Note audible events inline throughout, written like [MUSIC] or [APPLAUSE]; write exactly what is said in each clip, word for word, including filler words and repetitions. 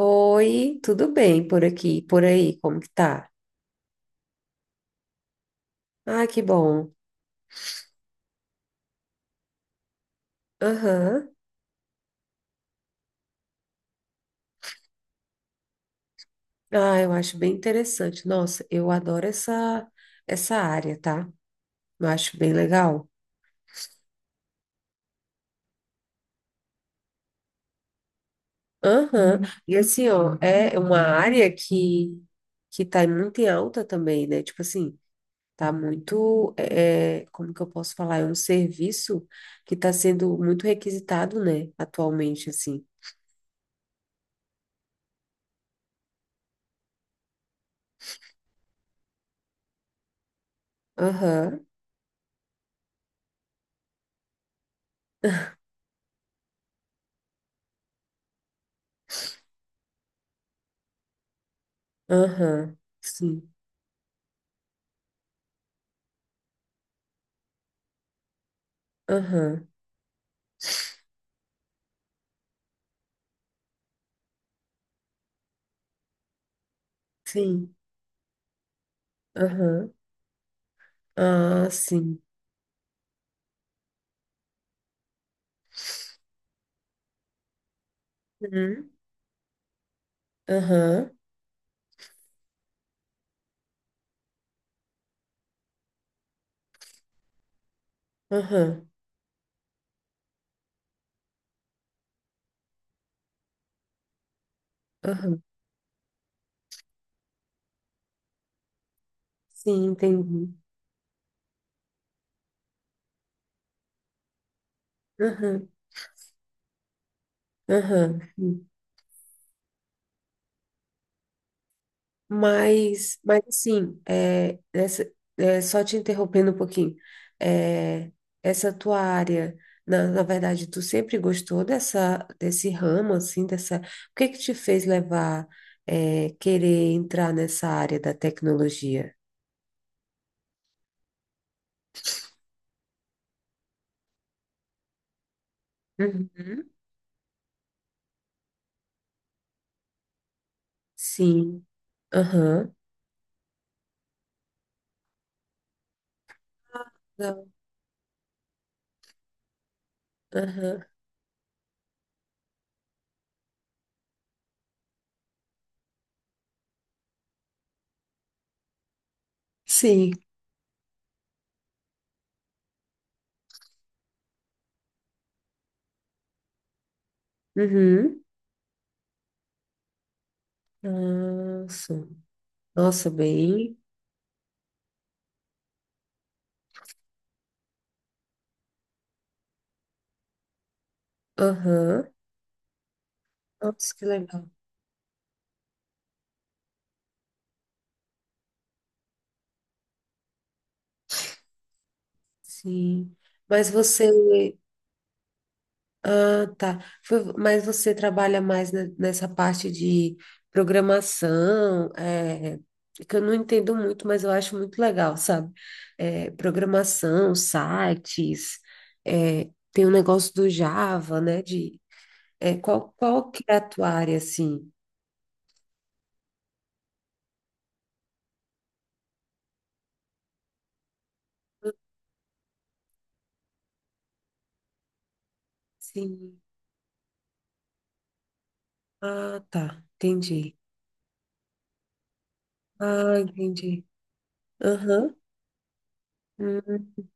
Oi, tudo bem por aqui, por aí, como que tá? Ah, que bom. Aham. Ah, eu acho bem interessante. Nossa, eu adoro essa essa área, tá? Eu acho bem legal. Aham. E assim, ó, é uma área que que tá muito em alta também, né? Tipo assim, tá muito, é, como que eu posso falar? É um serviço que tá sendo muito requisitado, né? Atualmente, assim. Aham. Aham. Sim. Aham. Sim. Aham. Ah, sim. Uhum. Aham. Aham. Aham. Sim, entendi. Aham. Aham. Sim. Mas, mas assim, é, essa, é, só te interrompendo um pouquinho, é, essa tua área, na, na verdade, tu sempre gostou dessa, desse ramo, assim, dessa. O que que te fez levar, é, querer entrar nessa área da tecnologia? Uhum. Sim. Aham. Não. Aham. Sim. Uhum. Nossa. Nossa, bem. Aham. Nossa, que legal. Sim. Mas você. Ah, tá. Foi- Mas você trabalha mais ne- nessa parte de programação, é, que eu não entendo muito, mas eu acho muito legal, sabe? É, programação, sites, é, tem o negócio do Java, né? De, é, qual, qual que é a tua área, assim? Sim. Ah, tá. Entendi. Ah, entendi. Aham. Hum.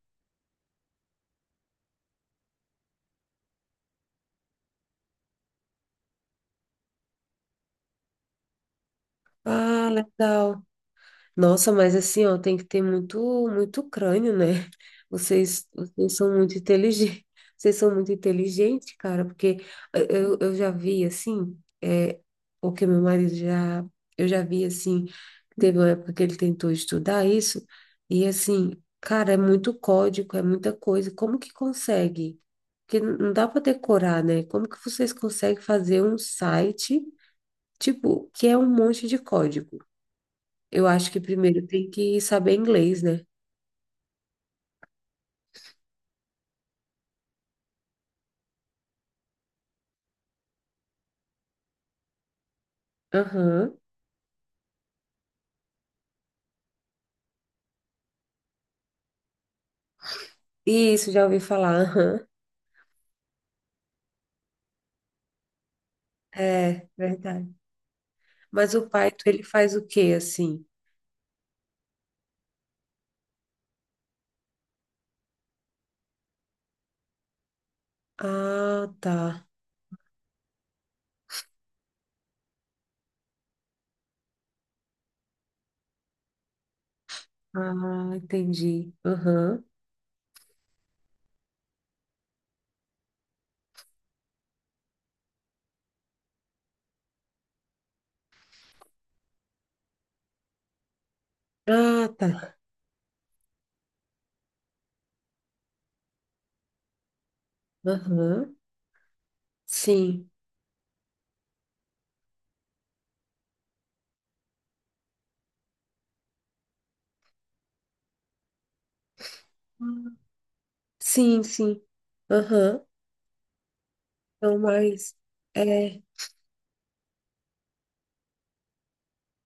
Ah, legal. Nossa, mas assim, ó, tem que ter muito, muito crânio, né? [LAUGHS] Vocês, vocês são muito inteligentes. [LAUGHS] Vocês são muito inteligentes, cara, porque eu, eu já vi, assim, é, o que meu marido já... Eu já vi, assim, teve uma época que ele tentou estudar isso, e assim, cara, é muito código, é muita coisa. Como que consegue? Porque não não dá para decorar, né? Como que vocês conseguem fazer um site... Tipo, que é um monte de código. Eu acho que primeiro tem que saber inglês, né? Aham. Isso, já ouvi falar. Aham. É, verdade. Mas o Python, ele faz o quê, assim? Ah, tá. Ah, entendi. Aham. Ah, tá. Aham. Sim. Sim, sim. Aham. Então, mas é,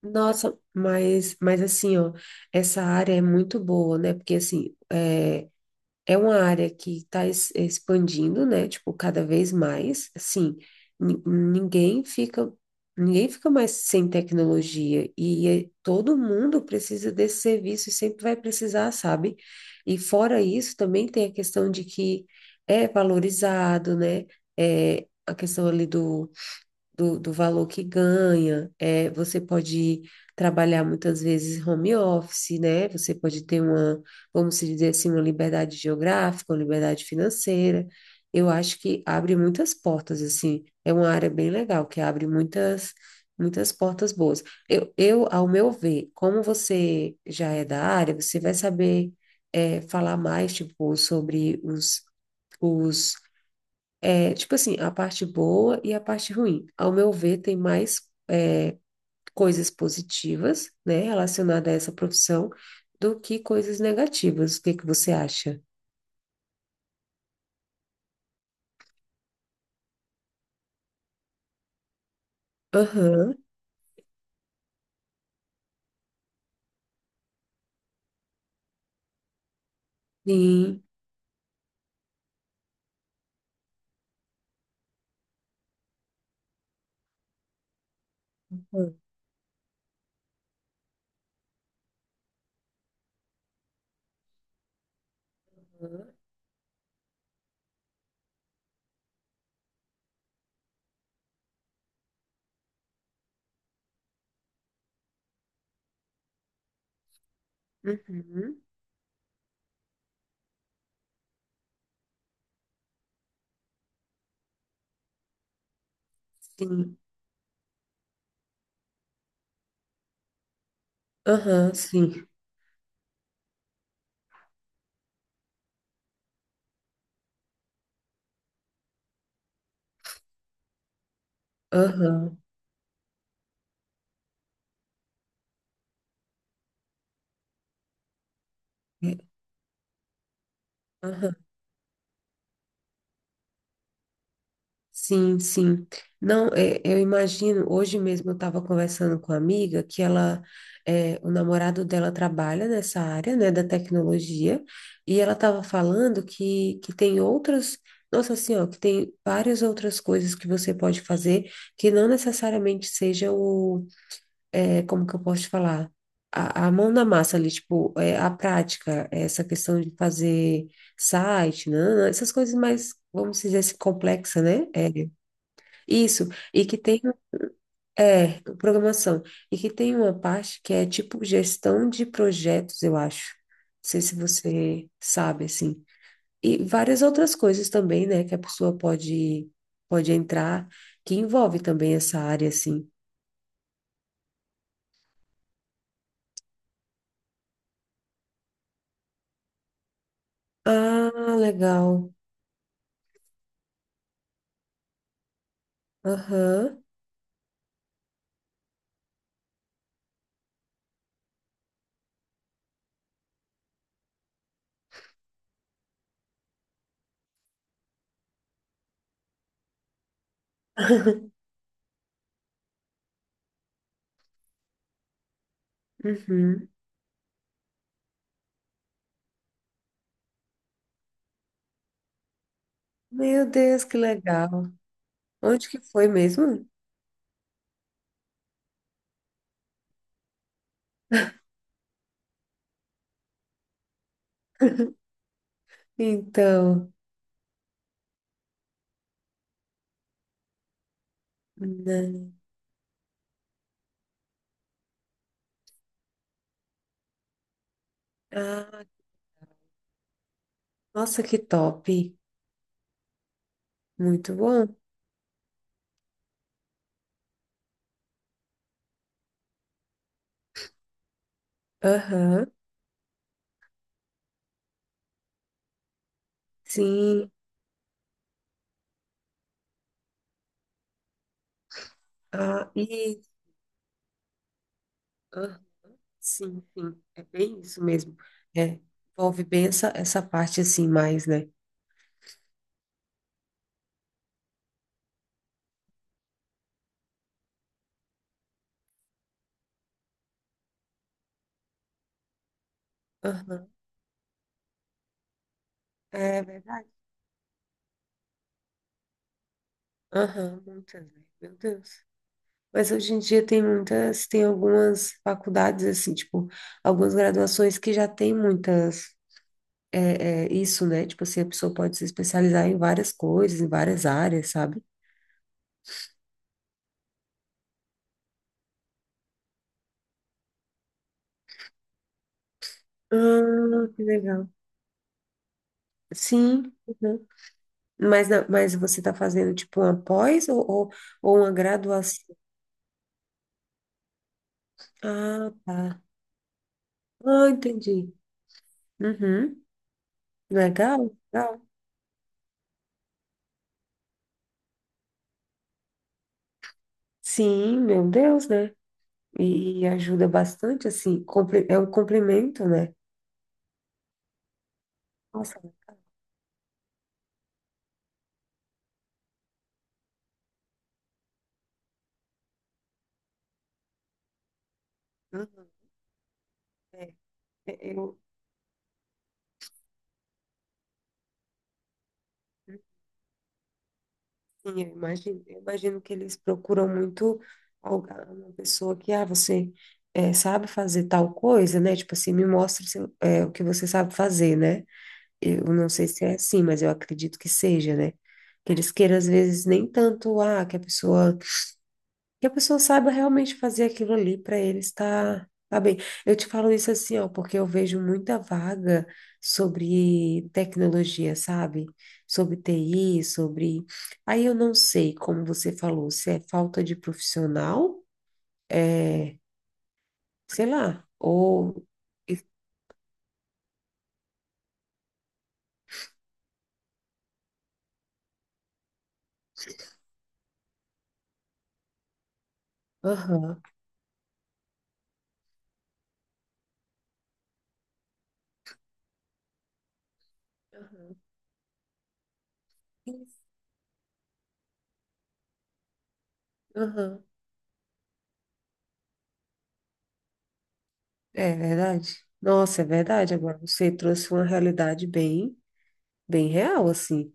nossa, mas, mas assim, ó, essa área é muito boa, né? Porque assim, é, é uma área que está expandindo, né? Tipo, cada vez mais. Assim, ni- ninguém fica, ninguém fica mais sem tecnologia e é- todo mundo precisa desse serviço e sempre vai precisar, sabe? E fora isso, também tem a questão de que é valorizado, né? É a questão ali do, do valor que ganha. É, você pode trabalhar muitas vezes home office, né? Você pode ter uma, vamos dizer assim, uma liberdade geográfica, uma liberdade financeira. Eu acho que abre muitas portas, assim. É uma área bem legal, que abre muitas, muitas portas boas. Eu, eu, ao meu ver, como você já é da área, você vai saber, é, falar mais, tipo, sobre os, os é, tipo assim, a parte boa e a parte ruim. Ao meu ver, tem mais é, coisas positivas, né, relacionada a essa profissão do que coisas negativas. O que que você acha? Aham, sim. Aham, uhum, sim. Aham, sim. Aham, é, aham. Sim, sim. Não, é, eu imagino, hoje mesmo eu estava conversando com uma amiga que ela, é, o namorado dela trabalha nessa área, né, da tecnologia, e ela estava falando que, que tem outras, nossa senhora, que tem várias outras coisas que você pode fazer que não necessariamente seja o, é, como que eu posso te falar? A, a mão na massa ali, tipo, é, a prática, é, essa questão de fazer site, né, essas coisas mais, vamos dizer assim, complexa, né? É, isso, e que tem, é, programação, e que tem uma parte que é tipo gestão de projetos, eu acho. Não sei se você sabe, assim. E várias outras coisas também, né, que a pessoa pode, pode entrar, que envolve também essa área, assim. Ah, legal. Aham. [LAUGHS] Uhum. Meu Deus, que legal. Onde que foi mesmo? [LAUGHS] Então, né? Ah, nossa, que top. Muito bom. Aham. Sim, ah, e ah, sim, sim, é bem isso mesmo. É, envolve bem essa, essa parte assim mais, né? Aham, é verdade. Aham, muitas, né? Meu Deus. Mas hoje em dia tem muitas, tem algumas faculdades, assim, tipo, algumas graduações que já tem muitas, é, é, isso, né? Tipo assim, a pessoa pode se especializar em várias coisas, em várias áreas, sabe? Ah, que legal. Sim, uhum. Mas, não- mas você está fazendo tipo uma pós ou, ou, ou uma graduação? Ah, tá. Ah, entendi. Uhum. Legal, legal. Sim, meu Deus, né? E, e ajuda bastante, assim, compre- é um complemento, né? Nossa, uhum, é, é, é, eu, sim, eu imagino, eu imagino que eles procuram muito alga- uma pessoa que, ah, você é, sabe fazer tal coisa, né? Tipo assim, me mostra o seu- é, o que você sabe fazer, né? Eu não sei se é assim, mas eu acredito que seja, né? Que eles queiram, às vezes, nem tanto, ah, que a pessoa, que a pessoa saiba realmente fazer aquilo ali para eles tá, tá bem. Eu te falo isso assim, ó, porque eu vejo muita vaga sobre tecnologia, sabe? Sobre T I, sobre. Aí eu não sei, como você falou, se é falta de profissional, é, sei lá, ou. Aham. Aham. Isso, aham. É verdade. Nossa, é verdade. Agora você trouxe uma realidade bem, bem real, assim.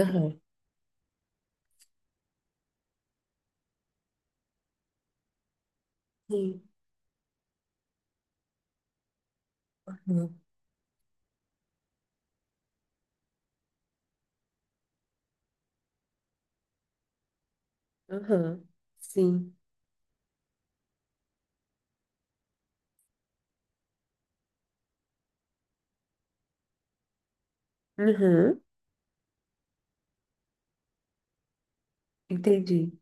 Aham. Sim. Aham. Aham. Sim. Aham. Entendi.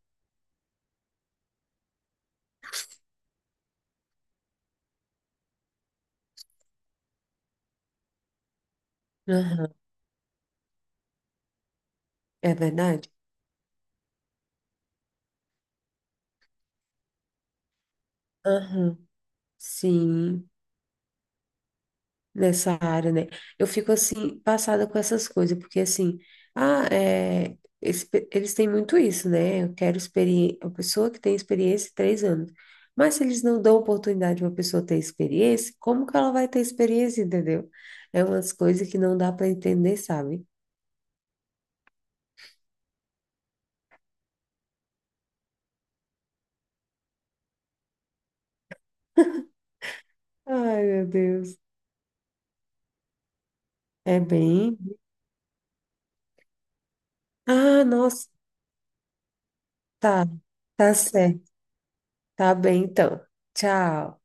Aham. É verdade? Aham. Sim. Nessa área, né? Eu fico assim, passada com essas coisas, porque assim, ah, é, esse pe- eles têm muito isso, né? Eu quero experiência, a pessoa que tem experiência em três anos. Mas se eles não dão oportunidade para uma pessoa ter experiência, como que ela vai ter experiência, entendeu? É umas coisas que não dá para entender, sabe? Ai, meu Deus. É bem. Ah, nossa, tá. Tá certo. Tá bem, então. Tchau.